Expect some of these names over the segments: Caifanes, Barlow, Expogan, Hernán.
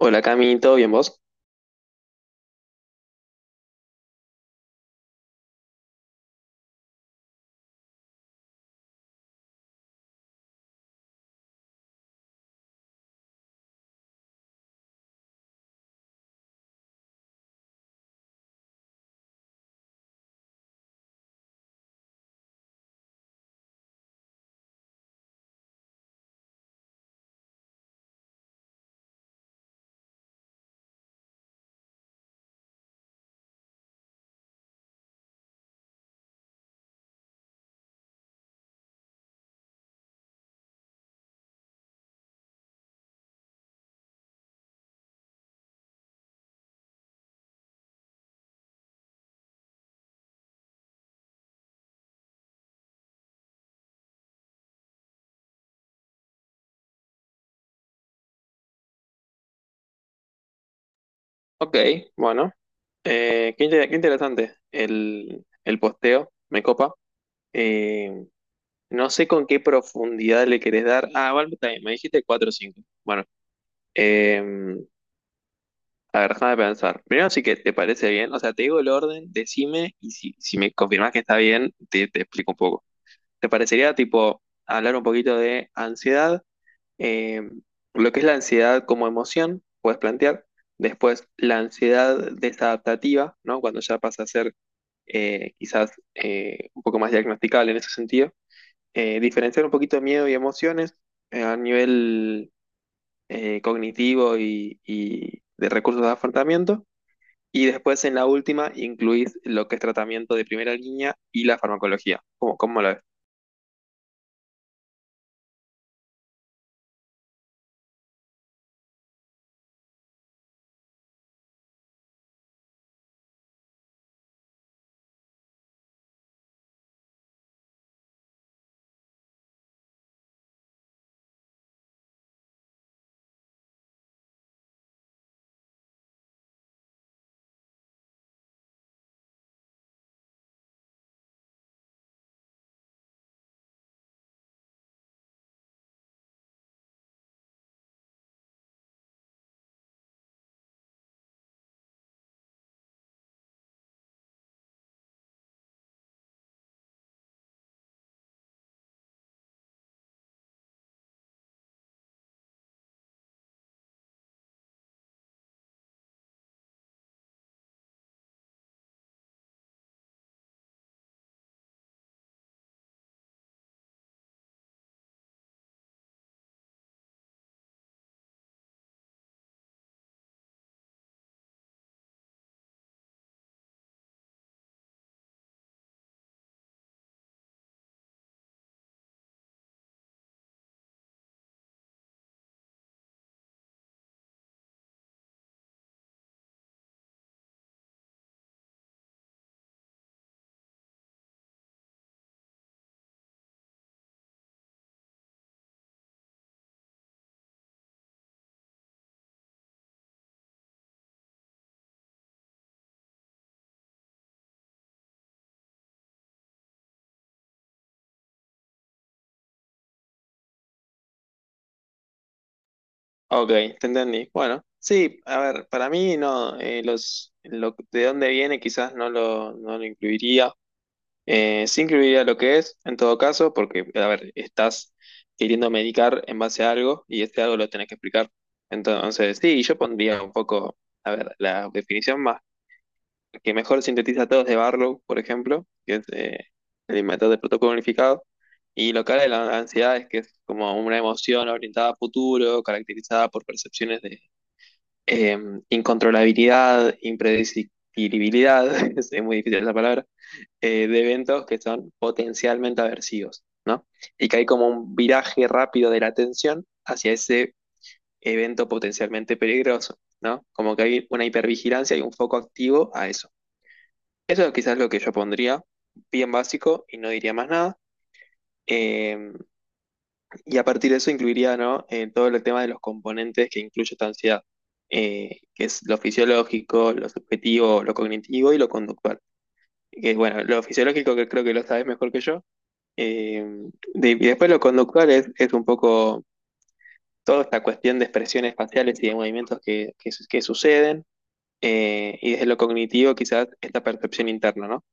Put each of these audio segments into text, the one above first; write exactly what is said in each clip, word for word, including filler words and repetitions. Hola Cami, ¿todo bien vos? Ok, bueno, eh, qué, inter- qué interesante el, el posteo, me copa. Eh, no sé con qué profundidad le querés dar. Ah, bueno, está bien, me dijiste cuatro o cinco. Bueno, eh, a ver, déjame pensar. Primero sí que te parece bien, o sea, te digo el orden, decime y si, si me confirmás que está bien, te, te explico un poco. ¿Te parecería tipo hablar un poquito de ansiedad? eh, lo que es la ansiedad como emoción, puedes plantear. Después, la ansiedad desadaptativa, ¿no? Cuando ya pasa a ser eh, quizás eh, un poco más diagnosticable en ese sentido. Eh, diferenciar un poquito de miedo y emociones eh, a nivel eh, cognitivo y, y de recursos de afrontamiento. Y después, en la última, incluís lo que es tratamiento de primera línea y la farmacología. ¿Cómo, cómo lo ves? Ok, te entendí. Bueno, sí, a ver, para mí no, eh, los, lo, de dónde viene quizás no lo, no lo incluiría. Eh, sí incluiría lo que es, en todo caso, porque, a ver, estás queriendo medicar en base a algo y este algo lo tenés que explicar. Entonces, sí, yo pondría un poco, a ver, la definición más que mejor sintetiza todo es de Barlow, por ejemplo, que es eh, el inventor del protocolo unificado. Y lo que habla de la ansiedad es que es como una emoción orientada a futuro, caracterizada por percepciones, eh, incontrolabilidad, impredecibilidad, es muy difícil esa palabra, eh, de eventos que son potencialmente aversivos, ¿no? Y que hay como un viraje rápido de la atención hacia ese evento potencialmente peligroso, ¿no? Como que hay una hipervigilancia y un foco activo a eso. Eso es quizás lo que yo pondría bien básico y no diría más nada. Eh, y a partir de eso incluiría, ¿no? Eh, todo el tema de los componentes que incluye esta ansiedad, eh, que es lo fisiológico, lo subjetivo, lo cognitivo y lo conductual. Que bueno, lo fisiológico que creo que lo sabes mejor que yo. eh, de- y después lo conductual es, es un poco toda esta cuestión de expresiones faciales y de movimientos que, que su- que suceden. Eh, y desde lo cognitivo quizás esta percepción interna, ¿no?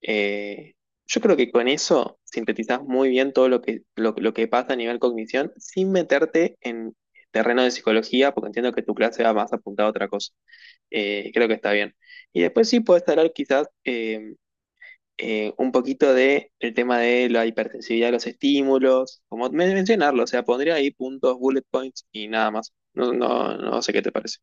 Eh, yo creo que con eso sintetizás muy bien todo lo que, lo, lo que pasa a nivel cognición sin meterte en terreno de psicología, porque entiendo que tu clase va más apuntada a otra cosa. Eh, creo que está bien. Y después sí puedes hablar quizás eh, eh, un poquito de el tema de la hipersensibilidad de los estímulos, como men- mencionarlo, o sea, pondría ahí puntos, bullet points y nada más. No, no, no sé qué te parece.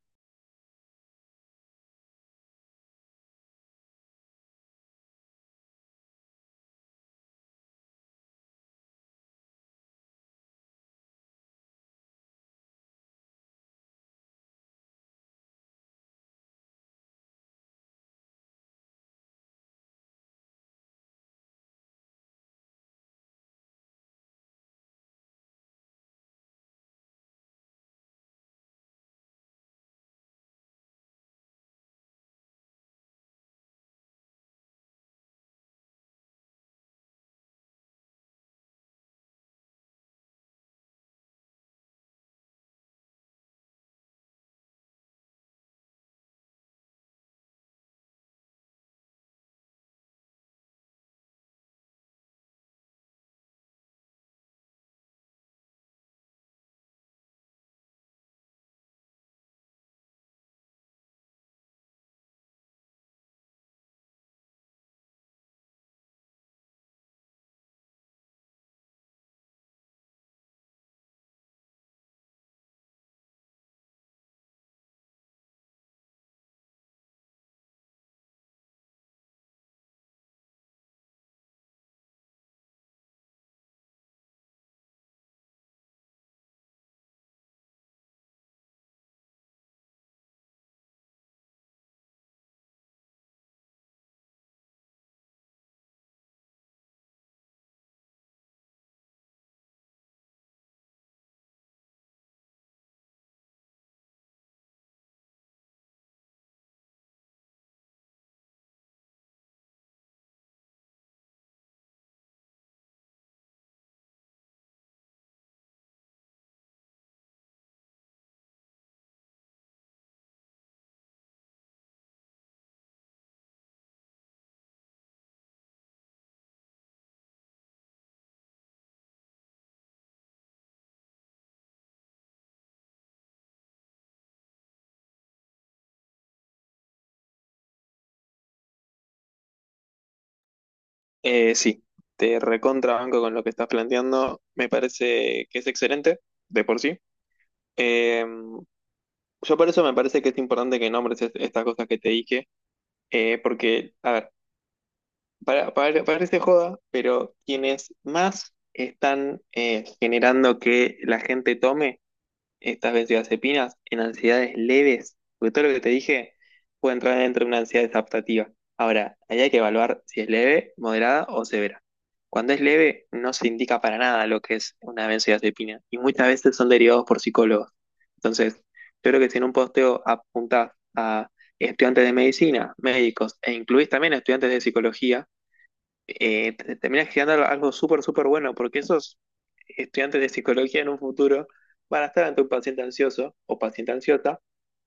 Eh, sí, te recontrabanco con lo que estás planteando. Me parece que es excelente de por sí. Eh, yo por eso me parece que es importante que nombres es- estas cosas que te dije, eh, porque, a ver, para, para- parece joda, pero quienes más están eh, generando que la gente tome estas benzodiazepinas en ansiedades leves, porque todo lo que te dije puede entrar dentro de una ansiedad adaptativa. Ahora, ahí hay que evaluar si es leve, moderada o severa. Cuando es leve, no se indica para nada lo que es una benzodiazepina y muchas veces son derivados por psicólogos. Entonces, yo creo que si en un posteo apuntás a estudiantes de medicina, médicos e incluís también a estudiantes de psicología, eh, te- terminas creando algo súper, súper bueno, porque esos estudiantes de psicología en un futuro van a estar ante un paciente ansioso o paciente ansiosa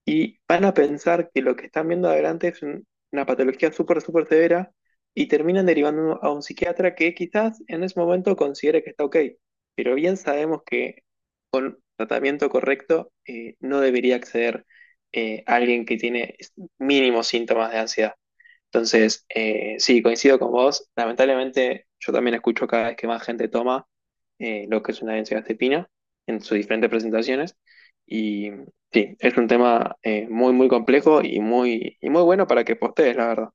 y van a pensar que lo que están viendo adelante es un- una patología súper, súper severa y terminan derivando a un psiquiatra que quizás en ese momento considere que está ok, pero bien sabemos que con tratamiento correcto eh, no debería acceder eh, a alguien que tiene mínimos síntomas de ansiedad. Entonces, eh, sí, coincido con vos. Lamentablemente, yo también escucho cada vez que más gente toma eh, lo que es una benzodiazepina en sus diferentes presentaciones. Y sí, es un tema eh, muy, muy complejo y muy, y muy bueno para que postees, la verdad.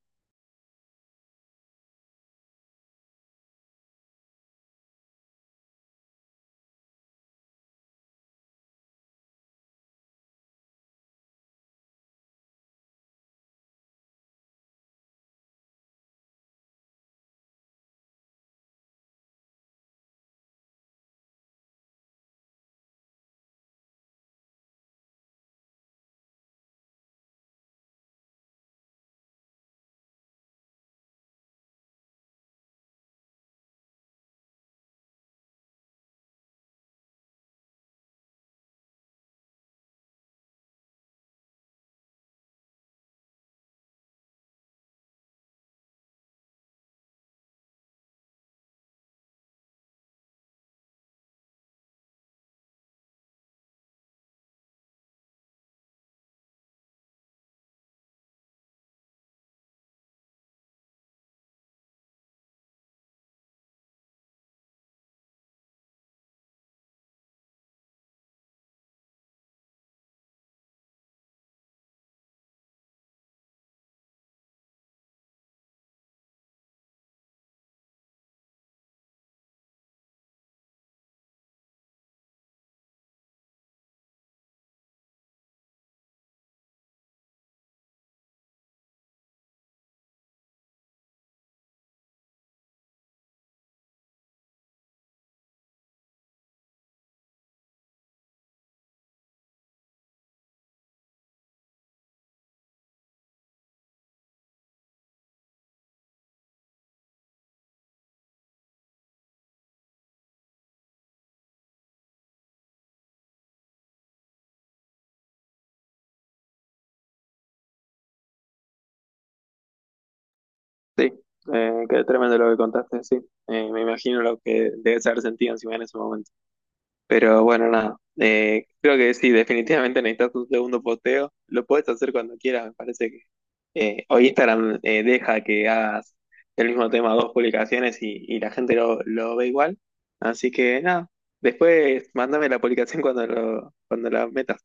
Sí, eh, qué tremendo lo que contaste, sí. Eh, me imagino lo que debes haber sentido encima en ese momento. Pero bueno, nada. Eh, creo que sí, definitivamente necesitas un segundo posteo. Lo puedes hacer cuando quieras, me parece. Eh, hoy Instagram eh, deja que hagas el mismo tema, dos publicaciones y, y la gente lo, lo ve igual. Así que nada, después mándame la publicación cuando, lo, cuando la metas.